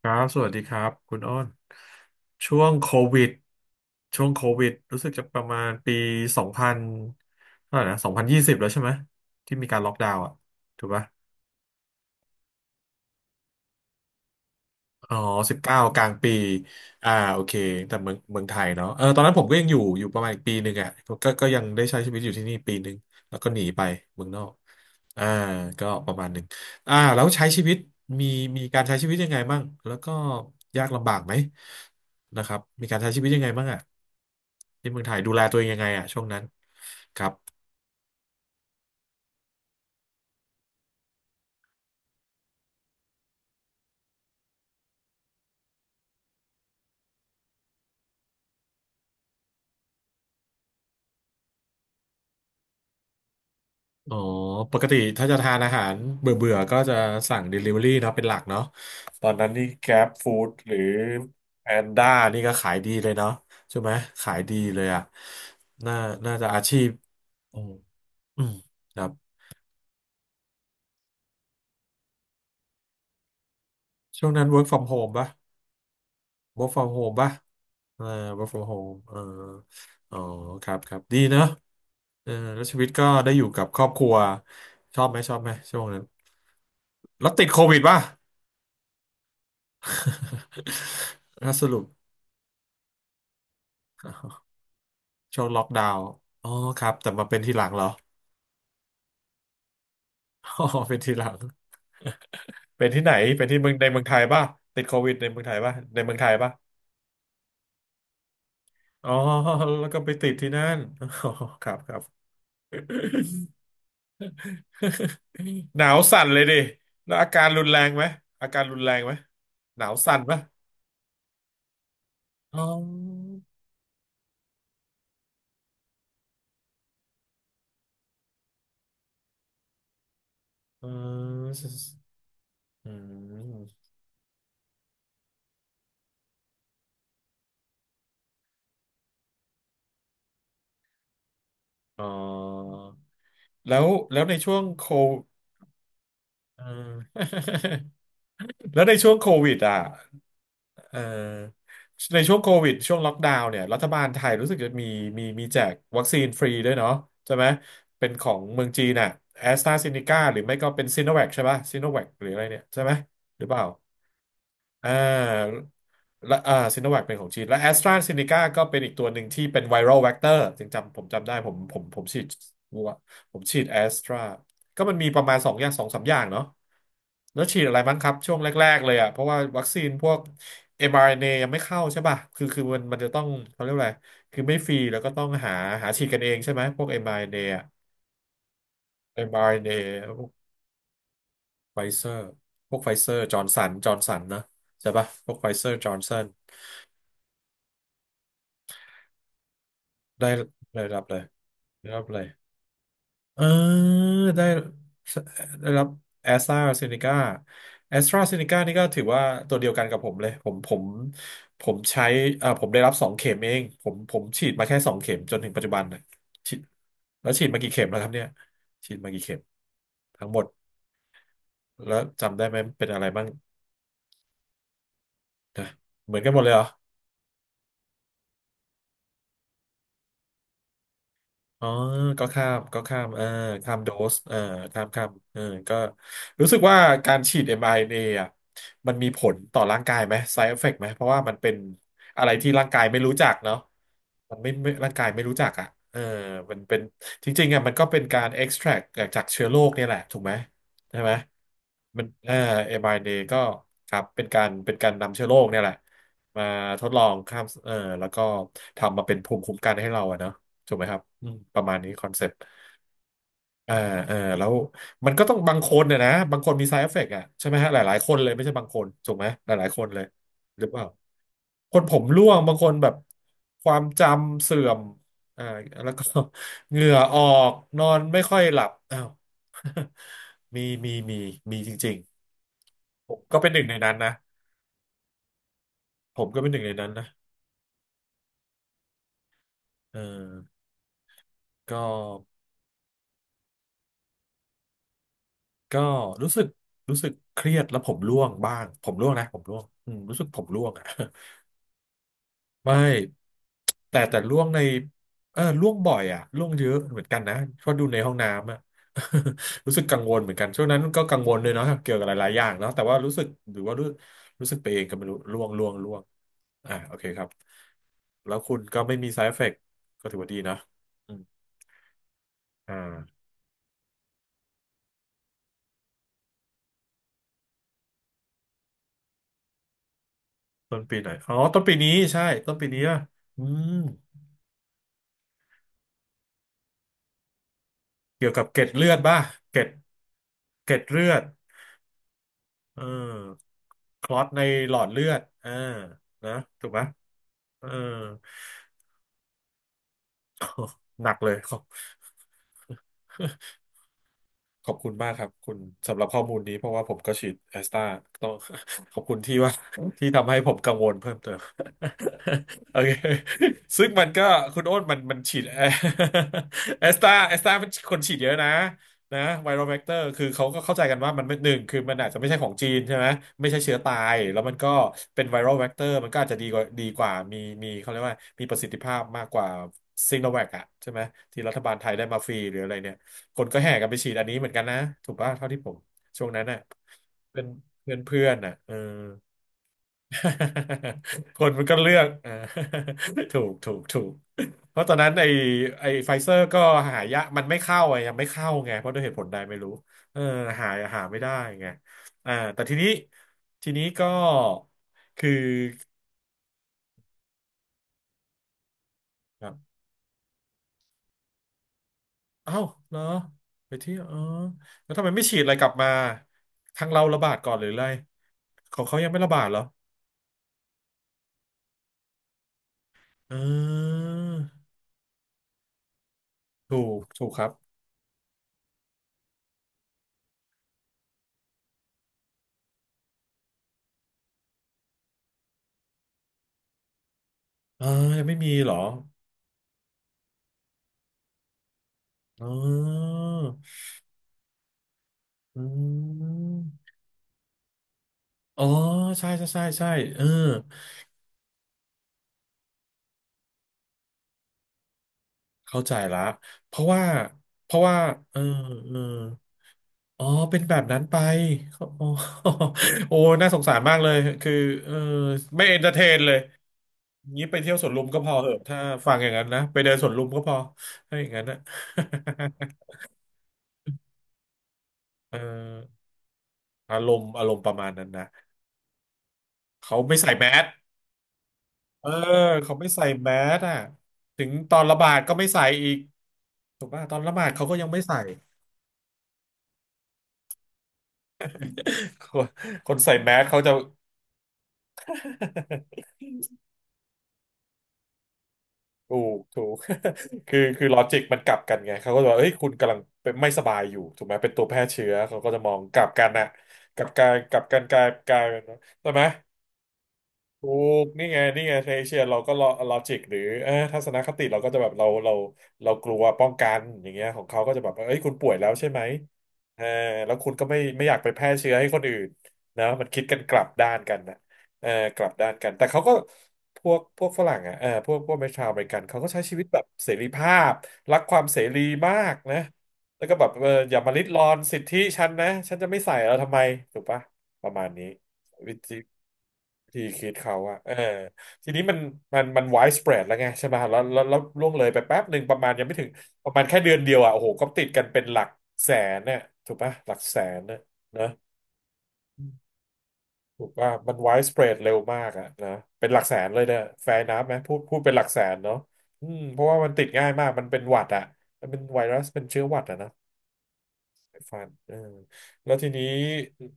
ครับสวัสดีครับคุณอ้น ช่วงโควิด ช่วงโควิดรู้สึกจะประมาณปี สองพันเท่าไหร่นะสองพันยี่สิบแล้วใช่ไหม ที่มีการล็อกดาวน์อ่ะถูกปะ อ๋อสิบเก้ากลางปีอ่าโอเคแต่เมืองไทยเนาะเออตอนนั้นผมก็ยังอยู่ประมาณอีกปีหนึ่งอ่ะก็ยังได้ใช้ชีวิตอยู่ที่นี่ปีหนึ่งแล้วก็หนีไปเมืองนอกอ่าก็ประมาณหนึ่งอ่าแล้วใช้ชีวิตมีมีการใช้ชีวิตยังไงบ้างแล้วก็ยากลำบากไหมนะครับมีการใช้ชีวิตยังไงบ้างอ่ะที่เมืองไทยดูแลตัวเองยังไงอ่ะช่วงนั้นครับ อ๋อปกติถ้าจะทานอาหารเบื่อเบื่อก็จะสั่ง Delivery เนาะเป็นหลักเนาะตอนนั้นนี่ Grab Food หรือ Panda นี่ก็ขายดีเลยเนาะใช่ไหมขายดีเลยอ่ะน่าน่าจะอาชีพอืมอืมครับช่วงนั้น work from home ป่ะ work from home ป่ะเออ work from home เอออ๋อครับครับดีเนาะเออแล้วชีวิตก็ได้อยู่กับครอบครัวชอบไหมชอบไหมช่วงนั้นแล้วติดโควิดป่ะ ถ้าสรุป ช่วงล็อกดาวน์อ๋อครับแต่มาเป็นทีหลังเหรอ อ๋อเป็นทีหลังเป็นที่ไหนเป็นที่เมืองในเมืองไทยป่ะติดโควิดในเมืองไทยป่ะในเมืองไทยป่ะอ๋อแล้วก็ไปติดที่นั่น อ๋อครับครับ หนาวสั่นเลยดิแล้วอาการรุนแรงไหมอาการรุนแรงไหมหนาวสั่นปะอ๋อเอออืมอ๋อแล้วแล้วในช่วงโคเออ แล้วในช่วงโควิดอ่ะ เอ่อในช่วงโควิดช่วงล็อกดาวน์เนี่ยรัฐบาลไทยรู้สึกจะมีมีแจกวัคซีนฟรีด้วยเนาะใช่ไหมเป็นของเมืองจีนน่ะแอสตราเซเนกาหรือไม่ก็เป็นซิโนแวคใช่ป่ะซิโนแวคหรืออะไรเนี่ยใช่ไหมหรือเปล่า อ่าและอ่าซิโนแวคเป็นของจีนและแอสตราเซเนกาก็เป็นอีกตัวหนึ่งที่เป็นไวรัลแว c เตอร์จำผมจำได้ผมผมฉีดวัวผมฉีดแอสตราก็มันมีประมาณสองอย่างสองสามอย่างเนาะแล้วฉีดอะไรบ้างครับช่วงแรกๆเลยอ่ะเพราะว่าวัคซีนพวก mRNA ยังไม่เข้าใช่ป่ะคือมันมันจะต้องเขาเรียกว่าอะไรคือไม่ฟรีแล้วก็ต้องหาฉีดกันเองใช่ไหมพวก mRNA อมอาร์เอ็นเออะ mRNA ไฟเซอร์พวกไฟเซอร์จอร์นสันจอร์นสันนะใช่ป่ะพวกไฟเซอร์จอร์นสัน ได้ได้รับเลยได้รับเลยเออได้ได้รับแอสตราเซเนกาแอสตราเซเนกานี่ก็ถือว่าตัวเดียวกันกับผมเลยผมผมใช้อ่าผมได้รับสองเข็มเองผมฉีดมาแค่สองเข็มจนถึงปัจจุบันนะฉีดแล้วฉีดมากี่เข็มแล้วครับเนี่ยฉีดมากี่เข็มทั้งหมดแล้วจำได้ไหมเป็นอะไรบ้างนะเหมือนกันหมดเลยเหรอ อ๋อ ก็ข้ามก็ข้ามเออข้ามโดสเออข้ามข้ามเออก็รู้สึกว่าการฉีด mRNA อมอาร์เอ็นเออ่ะมันมีผลต่อร่างกายไหม side effect ไหม เพราะว่ามันเป็นอะไรที่ร่างกายไม่รู้จักเนาะมันไม่ไม่ร่างกายไม่รู้จักอ่ะเออมันเป็นจริงๆอ่ะมันก็เป็นการ extract จากเชื้อโรคเนี่ยแหละ ถูกไหมใช่ไหมมันเออ mRNA ก็ครับเป็นการเป็นการนำเชื้อโรคเนี่ยแหละ มาทดลองข้ามเออแล้วก็ทำมาเป็นภูมิคุ้มกันให้เราอะเนาะ ถูกไหมครับอืมประมาณนี้คอนเซ็ปต์อ่าอ่าแล้วมันก็ต้องบางคนเนี่ยนะบางคนมี side effect อ่ะใช่ไหมฮะหลายๆคนเลยไม่ใช่บางคนถูกไหมหลายๆคนเลยหรือเปล่าคนผมร่วงบางคนแบบความจำเสื่อมอ่าแล้วก็ เหงื่อออกนอนไม่ค่อยหลับอ้าว มีมีจริงๆผมก็เป็นหนึ่งในนั้นนะผมก็เป็นหนึ่งในนั้นนะเออก็ ก็รู้สึกรู้สึกเครียดแล้วผมร่วงบ้างผมร่วงนะผมร่วงอืมรู้สึกผมร่วงอ่ะ ไม่แต่แต่ร่วงในเออร่วงบ่อยอ่ะร่วงเยอะเหมือนกันนะเพราะดูในห้องน้ำอ่ะ รู้สึกกังวลเหมือนกันช่วงนั้นก็กังวลเลยเนาะเกี่ยวกับหลายๆอย่างเนาะแต่ว่ารู้สึกหรือว่ารู้สึกไปเองก็ไม่รู้ร่วงร่วงร่วงอ่าโอเคครับแล้วคุณก็ไม่มี side effect ก็ถือว่าดีนะอืมอ่าต้นปีไหนอ๋อต้นปีนี้ใช่ต้นปีนี้อ่ะอืม เกี่ยวกับเกล็ดเลือดบ้าเกล็ดเกล็ดเลือดเออคลอตในหลอดเลือดอ่านะ ถูกปะเออหนักเลย ขอบคุณมากครับคุณสำหรับข้อมูลนี้เพราะว่าผมก็ฉีดแอสตราต้อง ขอบคุณที่ว่า ที่ทำให้ผมกังวลเพิ่มเติม โอเคซึ่งมันก็คุณโอ้นมันฉีด แอแอสตราเป็นคนฉีดเยอะนะนะไวรัลแบคเตอร์คือเขาก็เข้าใจกันว่ามันไม่หนึ่งคือมันอาจจะไม่ใช่ของจีนใช่ไหมไม่ใช่เชื้อตายแล้วมันก็เป็นไวรัลแบคเตอร์มันก็อาจจะดีกว่ามีเขาเรียกว่ามีประสิทธิภาพมากกว่าซิโนแวคอะใช่ไหมที่รัฐบาลไทยได้มาฟรีหรืออะไรเนี่ย คนก็แห่กันไปฉีดอันนี้เหมือนกันนะถูกป่ะเท่าที่ผมช่วงนั้นน่ะเพื่อนเพื่อนเพื่อนน่ะเออ คนมันก็เลือกอ่า ถูกเพราะตอนนั้นไอ้ไฟเซอร์ก็หายะมันไม่เข้าไงยังไม่เข้าไงเพราะด้วยเหตุผลใดไม่รู้เออหาหาไม่ได้ไงอ่าแต่ทีนี้ก็คือครับเอ้าเหรอไปเที่ยวเออแล้วทำไมไม่ฉีดอะไรกลับมาทางเราระบาดก่อนหรืออะไรของเขายังไม่ระบาดเหรอ อ่าถูกครับอ่ายังไม่มีเหรอ อ๋ออืมอ๋อใช่เออเข้าใจละเพราะว่าเพราะว่าเออเอออ๋อเป็นแบบนั้นไป เขาอ๋อโอ้น่าสงสารมากเลยคือเออไม่เอนเตอร์เทนเลยงี้ไปเที่ยวสวนลุมก็พอเหอะถ้าฟังอย่างนั้นนะไปเดินสวนลุมก็พอถ้าอย่างนั้นนะ เอออารมณ์ประมาณนั้นนะ เขาไม่ใส่แมส เออเขาไม่ใส่แมสอ่ะถึงตอนระบาดก็ไม่ใส่อีกถูกป่ะตอนระบาดเขาก็ยังไม่ใส่ คนคนใส่แมสเขาจะ ถูกถูก คือลอจิกมันกลับกันไงเขาก็จะบอกเอ้ยคุณกำลังเป็นไม่สบายอยู่ถูกไหมเป็นตัวแพร่เชื้อเขาก็จะมองกลับกันน่ะกลับกลายกลับกันกลายกลายเป็นว่าใช่ไหม ถูกนี่ไงนี่ไงในเอเชียเราก็ลอจิกหรือเออทัศนคติเราก็จะแบบเรากลัวป้องกันอย่างเงี้ยของเขาก็จะแบบเอ้ยคุณป่วยแล้วใช่ไหมเออแล้วคุณก็ไม่อยากไปแพร่เชื้อให้คนอื่นนะมันคิดกันกลับด้านกันนะเออกลับด้านกันแต่เขาก็พวกฝรั่งอ่ะเออพวกชาวอเมริกันเขาก็ใช้ชีวิตแบบเสรีภาพรักความเสรีมากนะแล้วก็แบบเอออย่ามาริดรอนสิทธิฉันนะฉันจะไม่ใส่แล้วทำไมถูกปะประมาณนี้ ที่คิดเขาอะเออทีนี้มัน wide spread แล้วไงใช่ไหมแล้วล่วงเลยไปแป๊บหนึ่งประมาณยังไม่ถึงประมาณแค่เดือนเดียวอะโอ้โหก็ติดกันเป็นหลักแสนเนี่ยถูกปะหลักแสนเนี่ยนะถูกว่ามัน wide spread เร็วมากอะนะเป็นหลักแสนเลยเนี่ยแฟร์นับไหมพูดเป็นหลักแสนเนาะอืมเพราะว่ามันติดง่ายมากมันเป็นหวัดอะมันเป็นไวรัสเป็นเชื้อหวัดอะนะไอ้ฟันเออแล้วทีนี้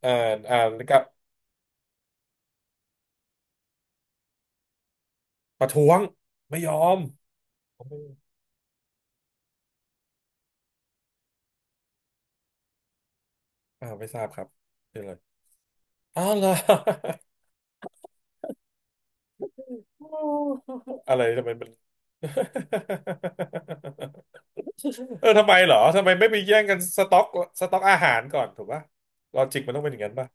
เอ่ออ่ากับประท้วงไม่ยอมอ่าไม่ทราบครับเป็นไร อ้าวเหรอ อะไรทำไมมัน เออทำไมเหรอทำไมไม่ไปแย่งกันสต็อกสต็อกอาหารก่อนถูกปะลอจิกมันต้องเป็นอย่างนั้นป่ะ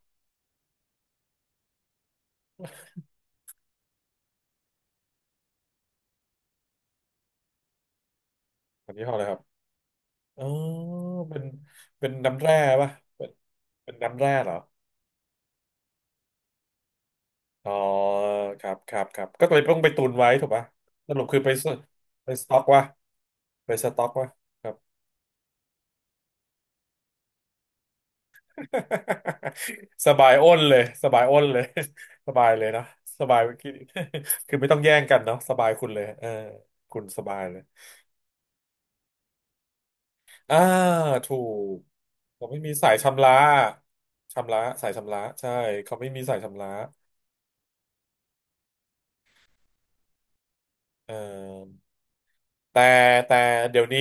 อันนี้ห้ออะไรครับอ๋อเป็นเป็นน้ำแร่ป่ะเป็นเป็นน้ำแร่เหรออ๋อครับก็เลยต้องไปตุนไว้ถูกปะสรุปคือไปสไปสต็อกวะไปสต็อกวะ สบายอ้นเลยสบายอ้นเลย สบายเลยนะสบายกิน คือไม่ต้องแย่งกันเนาะสบายคุณเลยเออคุณสบายเลยอ่าถูกเขาไม่มีสายชำระชำระสายชำระใช่เขาไม่มีสายชำระเออ แต่แต่เดี๋ยวนี้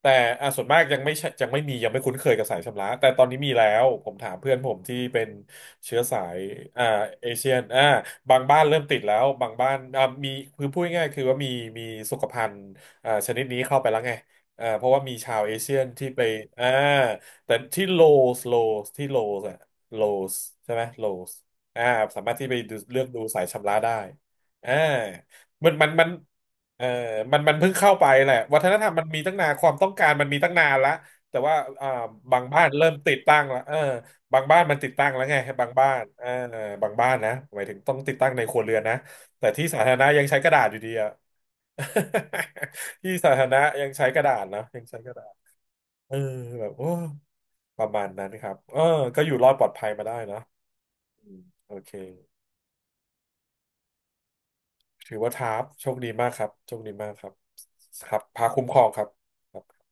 แต่อ่ะส่วนมากยังไม่ใช่ยังไม่มียังไม่คุ้นเคยกับสายชำระแต่ตอนนี้มีแล้วผมถามเพื่อนผมที่เป็นเชื้อสายอ่าเอเชียนอ่าบางบ้านเริ่มติดแล้วบางบ้านอ่ามีคือพูดง่ายๆคือว่ามีสุขภัณฑ์อ่าชนิดนี้เข้าไปแล้วไงอ่าเพราะว่ามีชาวเอเชียนที่ไปอ่าแต่สโลที่โลสอะโลสใช่ไหมโลสอ่าสามารถที่ไปดูเลือกดูสายชำระได้อ่ามัน เออมันเพิ่งเข้าไปแหละวัฒนธรรมมันมีตั้งนานความต้องการมันมีตั้งนานละแต่ว่าอ่าบางบ้านเริ่มติดตั้งละเออบางบ้านมันติดตั้งแล้วไงบางบ้านเออบางบ้านนะหมายถึงต้องติดตั้งในครัวเรือนนะแต่ที่สาธารณะยังใช้กระดาษอยู่ดีอะ ที่สาธารณะยังใช้กระดาษนะยังใช้กระดาษเออแบบโอ้ประมาณนั้นครับเออก็อยู่รอดปลอดภัยมาได้เนอะอืมโอเคถือว่าท้าบโชคดีมากครับโชคดีมากครับครับพาคุ้มครองครับครับ